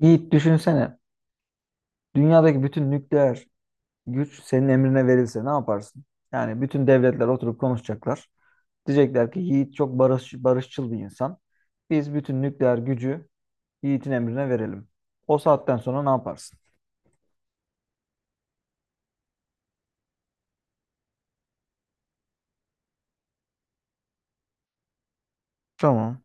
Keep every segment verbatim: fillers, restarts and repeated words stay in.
Yiğit düşünsene. Dünyadaki bütün nükleer güç senin emrine verilse ne yaparsın? Yani bütün devletler oturup konuşacaklar. Diyecekler ki Yiğit çok barış, barışçıl bir insan. Biz bütün nükleer gücü Yiğit'in emrine verelim. O saatten sonra ne yaparsın? Tamam.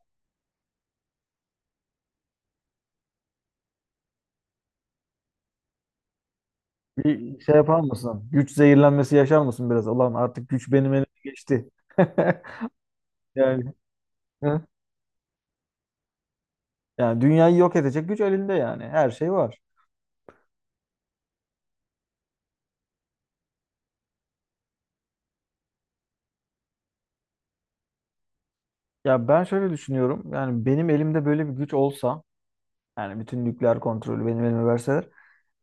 Bir şey yapar mısın? Güç zehirlenmesi yaşar mısın biraz? Ulan artık güç benim elime geçti. Yani. Yani dünyayı yok edecek güç elinde yani. Her şey var. Ya ben şöyle düşünüyorum. Yani benim elimde böyle bir güç olsa, yani bütün nükleer kontrolü benim elime verseler,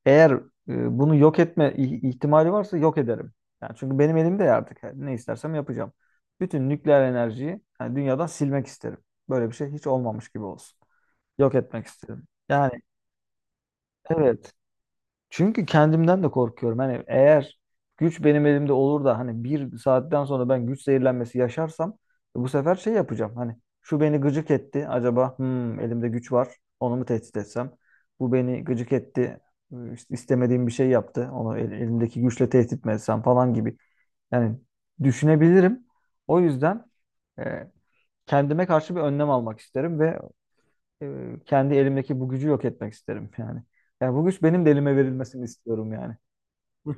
eğer e, bunu yok etme ih- ihtimali varsa yok ederim. Yani çünkü benim elimde ya artık. Yani ne istersem yapacağım. Bütün nükleer enerjiyi yani dünyadan silmek isterim. Böyle bir şey hiç olmamış gibi olsun. Yok etmek isterim. Yani evet. Çünkü kendimden de korkuyorum. Hani eğer güç benim elimde olur da hani bir saatten sonra ben güç zehirlenmesi yaşarsam e, bu sefer şey yapacağım. Hani şu beni gıcık etti. Acaba hmm, elimde güç var. Onu mu tehdit etsem? Bu beni gıcık etti. e, işte istemediğim bir şey yaptı. Onu el- elimdeki güçle tehdit mi etsem falan gibi. Yani düşünebilirim. O yüzden e, kendime karşı bir önlem almak isterim ve e, kendi elimdeki bu gücü yok etmek isterim yani. Yani bu güç benim de elime verilmesini istiyorum yani. Hı.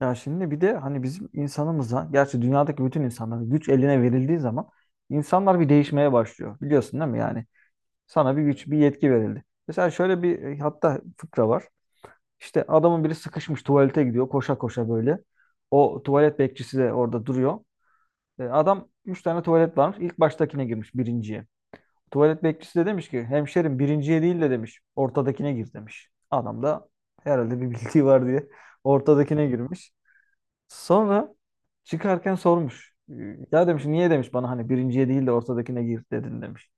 Ya şimdi bir de hani bizim insanımıza, gerçi dünyadaki bütün insanlara güç eline verildiği zaman insanlar bir değişmeye başlıyor. Biliyorsun değil mi yani? Sana bir güç, bir yetki verildi. Mesela şöyle bir e, hatta fıkra var. İşte adamın biri sıkışmış tuvalete gidiyor koşa koşa böyle. O tuvalet bekçisi de orada duruyor. E, adam üç tane tuvalet varmış. İlk baştakine girmiş birinciye. Tuvalet bekçisi de demiş ki hemşerim birinciye değil de demiş ortadakine gir demiş. Adam da herhalde bir bildiği var diye ortadakine girmiş. Sonra çıkarken sormuş. Ya demiş niye demiş bana hani birinciye değil de ortadakine gir dedin demiş.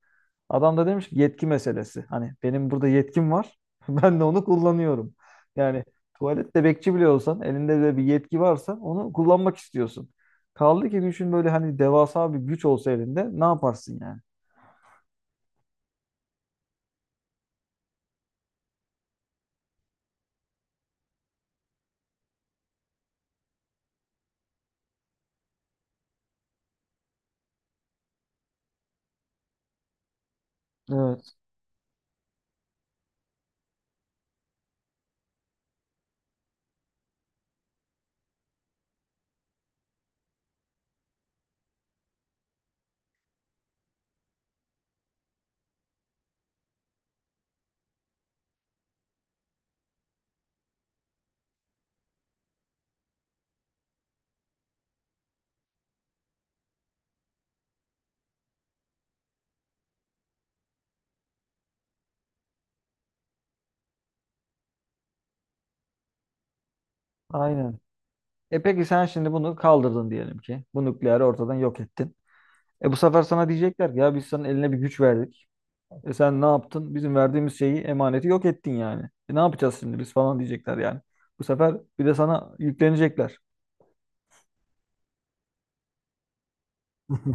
Adam da demiş ki yetki meselesi. Hani benim burada yetkim var. Ben de onu kullanıyorum. Yani tuvalette bekçi bile olsan elinde de bir yetki varsa onu kullanmak istiyorsun. Kaldı ki düşün böyle hani devasa bir güç olsa elinde ne yaparsın yani? Evet. Aynen. E peki sen şimdi bunu kaldırdın diyelim ki. Bu nükleeri ortadan yok ettin. E bu sefer sana diyecekler ki ya biz sana eline bir güç verdik. E sen ne yaptın? Bizim verdiğimiz şeyi, emaneti yok ettin yani. E ne yapacağız şimdi biz falan diyecekler yani. Bu sefer bir de sana yüklenecekler.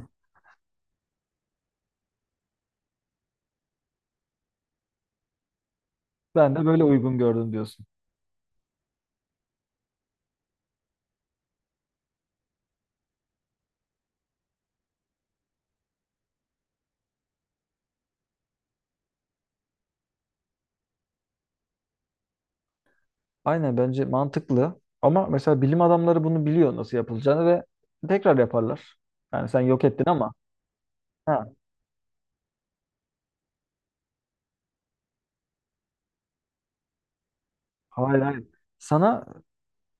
Ben de böyle uygun gördüm diyorsun. Aynen bence mantıklı. Ama mesela bilim adamları bunu biliyor nasıl yapılacağını ve tekrar yaparlar. Yani sen yok ettin ama. Ha, hayır hayır. Sana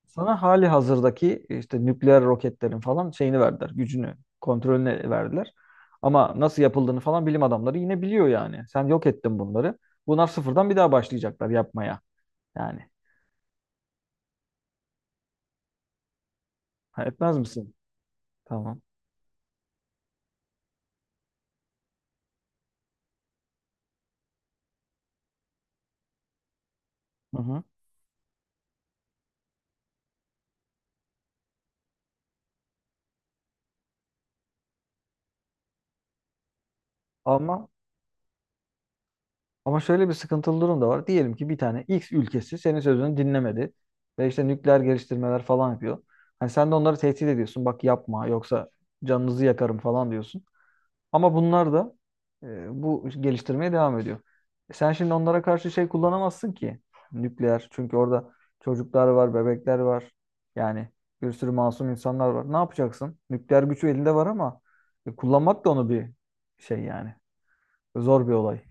Sana hali hazırdaki işte nükleer roketlerin falan şeyini verdiler. Gücünü, kontrolünü verdiler. Ama nasıl yapıldığını falan bilim adamları yine biliyor yani. Sen yok ettin bunları. Bunlar sıfırdan bir daha başlayacaklar yapmaya. Yani ha, etmez misin? Tamam. Hı hı. Ama ama şöyle bir sıkıntılı durum da var. Diyelim ki bir tane X ülkesi senin sözünü dinlemedi ve işte nükleer geliştirmeler falan yapıyor. Hani sen de onları tehdit ediyorsun. Bak yapma yoksa canınızı yakarım falan diyorsun. Ama bunlar da e, bu geliştirmeye devam ediyor. E, sen şimdi onlara karşı şey kullanamazsın ki nükleer. Çünkü orada çocuklar var, bebekler var. Yani bir sürü masum insanlar var. Ne yapacaksın? Nükleer gücü elinde var ama e, kullanmak da onu bir şey yani. Zor bir olay.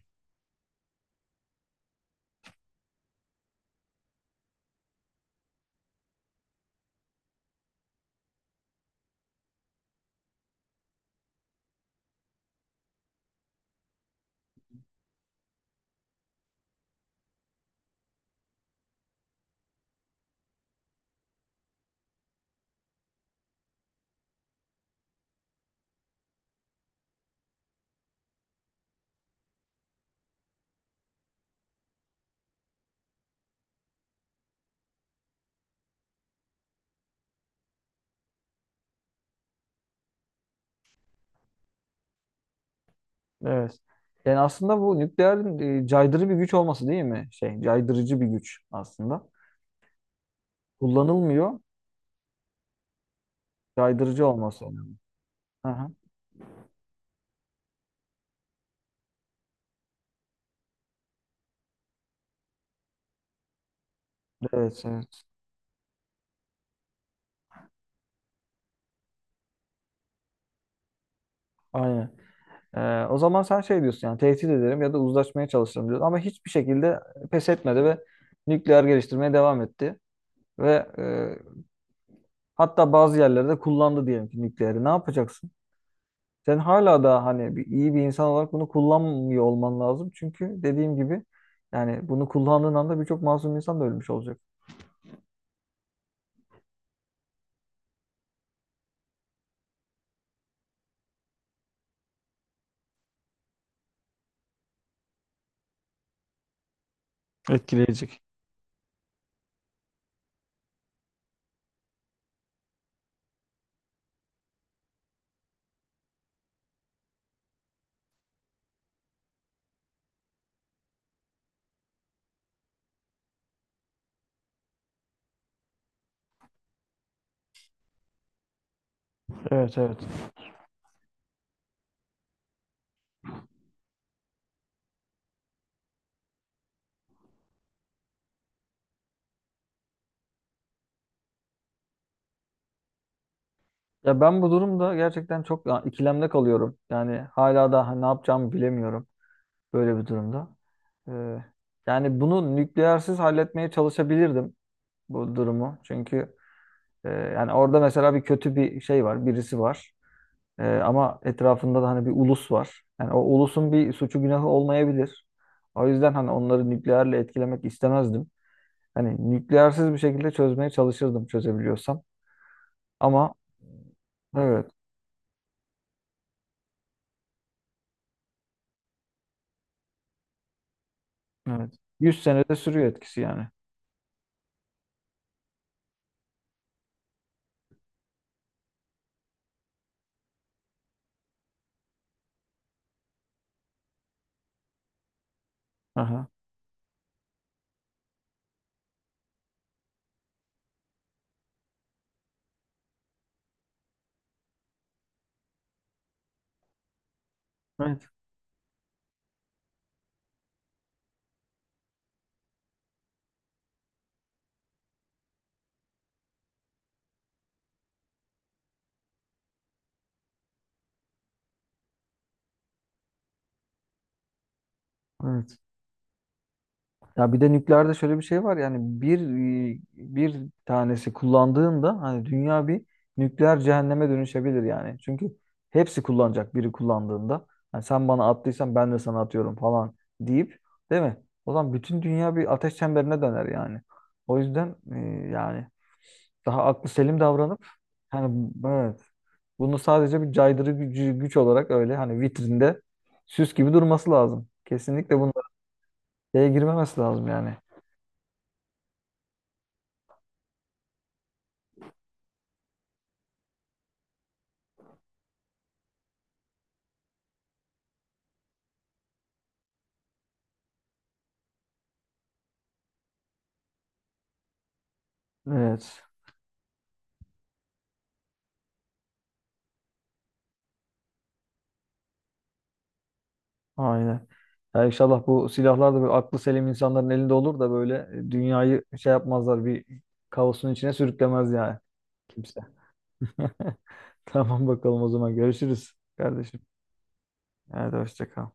Evet. Yani aslında bu nükleerin e, caydırıcı bir güç olması değil mi? Şey, caydırıcı bir güç aslında. Kullanılmıyor, caydırıcı olması önemli. Aha. Evet, evet. Aynen. Ee, o zaman sen şey diyorsun yani tehdit ederim ya da uzlaşmaya çalışırım diyorsun. Ama hiçbir şekilde pes etmedi ve nükleer geliştirmeye devam etti. Ve e, hatta bazı yerlerde kullandı diyelim ki nükleeri. Ne yapacaksın? Sen hala da hani bir, iyi bir insan olarak bunu kullanmıyor olman lazım. Çünkü dediğim gibi yani bunu kullandığın anda birçok masum insan da ölmüş olacak. Etkileyecek. Evet, evet. Ya ben bu durumda gerçekten çok ya, ikilemde kalıyorum. Yani hala da hani ne yapacağımı bilemiyorum. Böyle bir durumda. Ee, yani bunu nükleersiz halletmeye çalışabilirdim bu durumu. Çünkü e, yani orada mesela bir kötü bir şey var, birisi var. E, ama etrafında da hani bir ulus var. Yani o ulusun bir suçu günahı olmayabilir. O yüzden hani onları nükleerle etkilemek istemezdim. Hani nükleersiz bir şekilde çözmeye çalışırdım çözebiliyorsam. Ama evet, evet. yüz senede sürüyor etkisi yani. Aha. Evet, evet. Ya bir de nükleerde şöyle bir şey var yani bir bir tanesi kullandığında hani dünya bir nükleer cehenneme dönüşebilir yani. Çünkü hepsi kullanacak biri kullandığında. Hani sen bana attıysan ben de sana atıyorum falan deyip değil mi? O zaman bütün dünya bir ateş çemberine döner yani. O yüzden e, yani daha aklı selim davranıp hani evet bunu sadece bir caydırı gücü, güç olarak öyle hani vitrinde süs gibi durması lazım. Kesinlikle bunlara şeye girmemesi lazım yani. Evet. Aynen. Ya inşallah bu silahlar da böyle aklı selim insanların elinde olur da böyle e, dünyayı şey yapmazlar bir kaosun içine sürüklemez yani kimse. Tamam bakalım o zaman görüşürüz kardeşim. Hadi hoşça kal.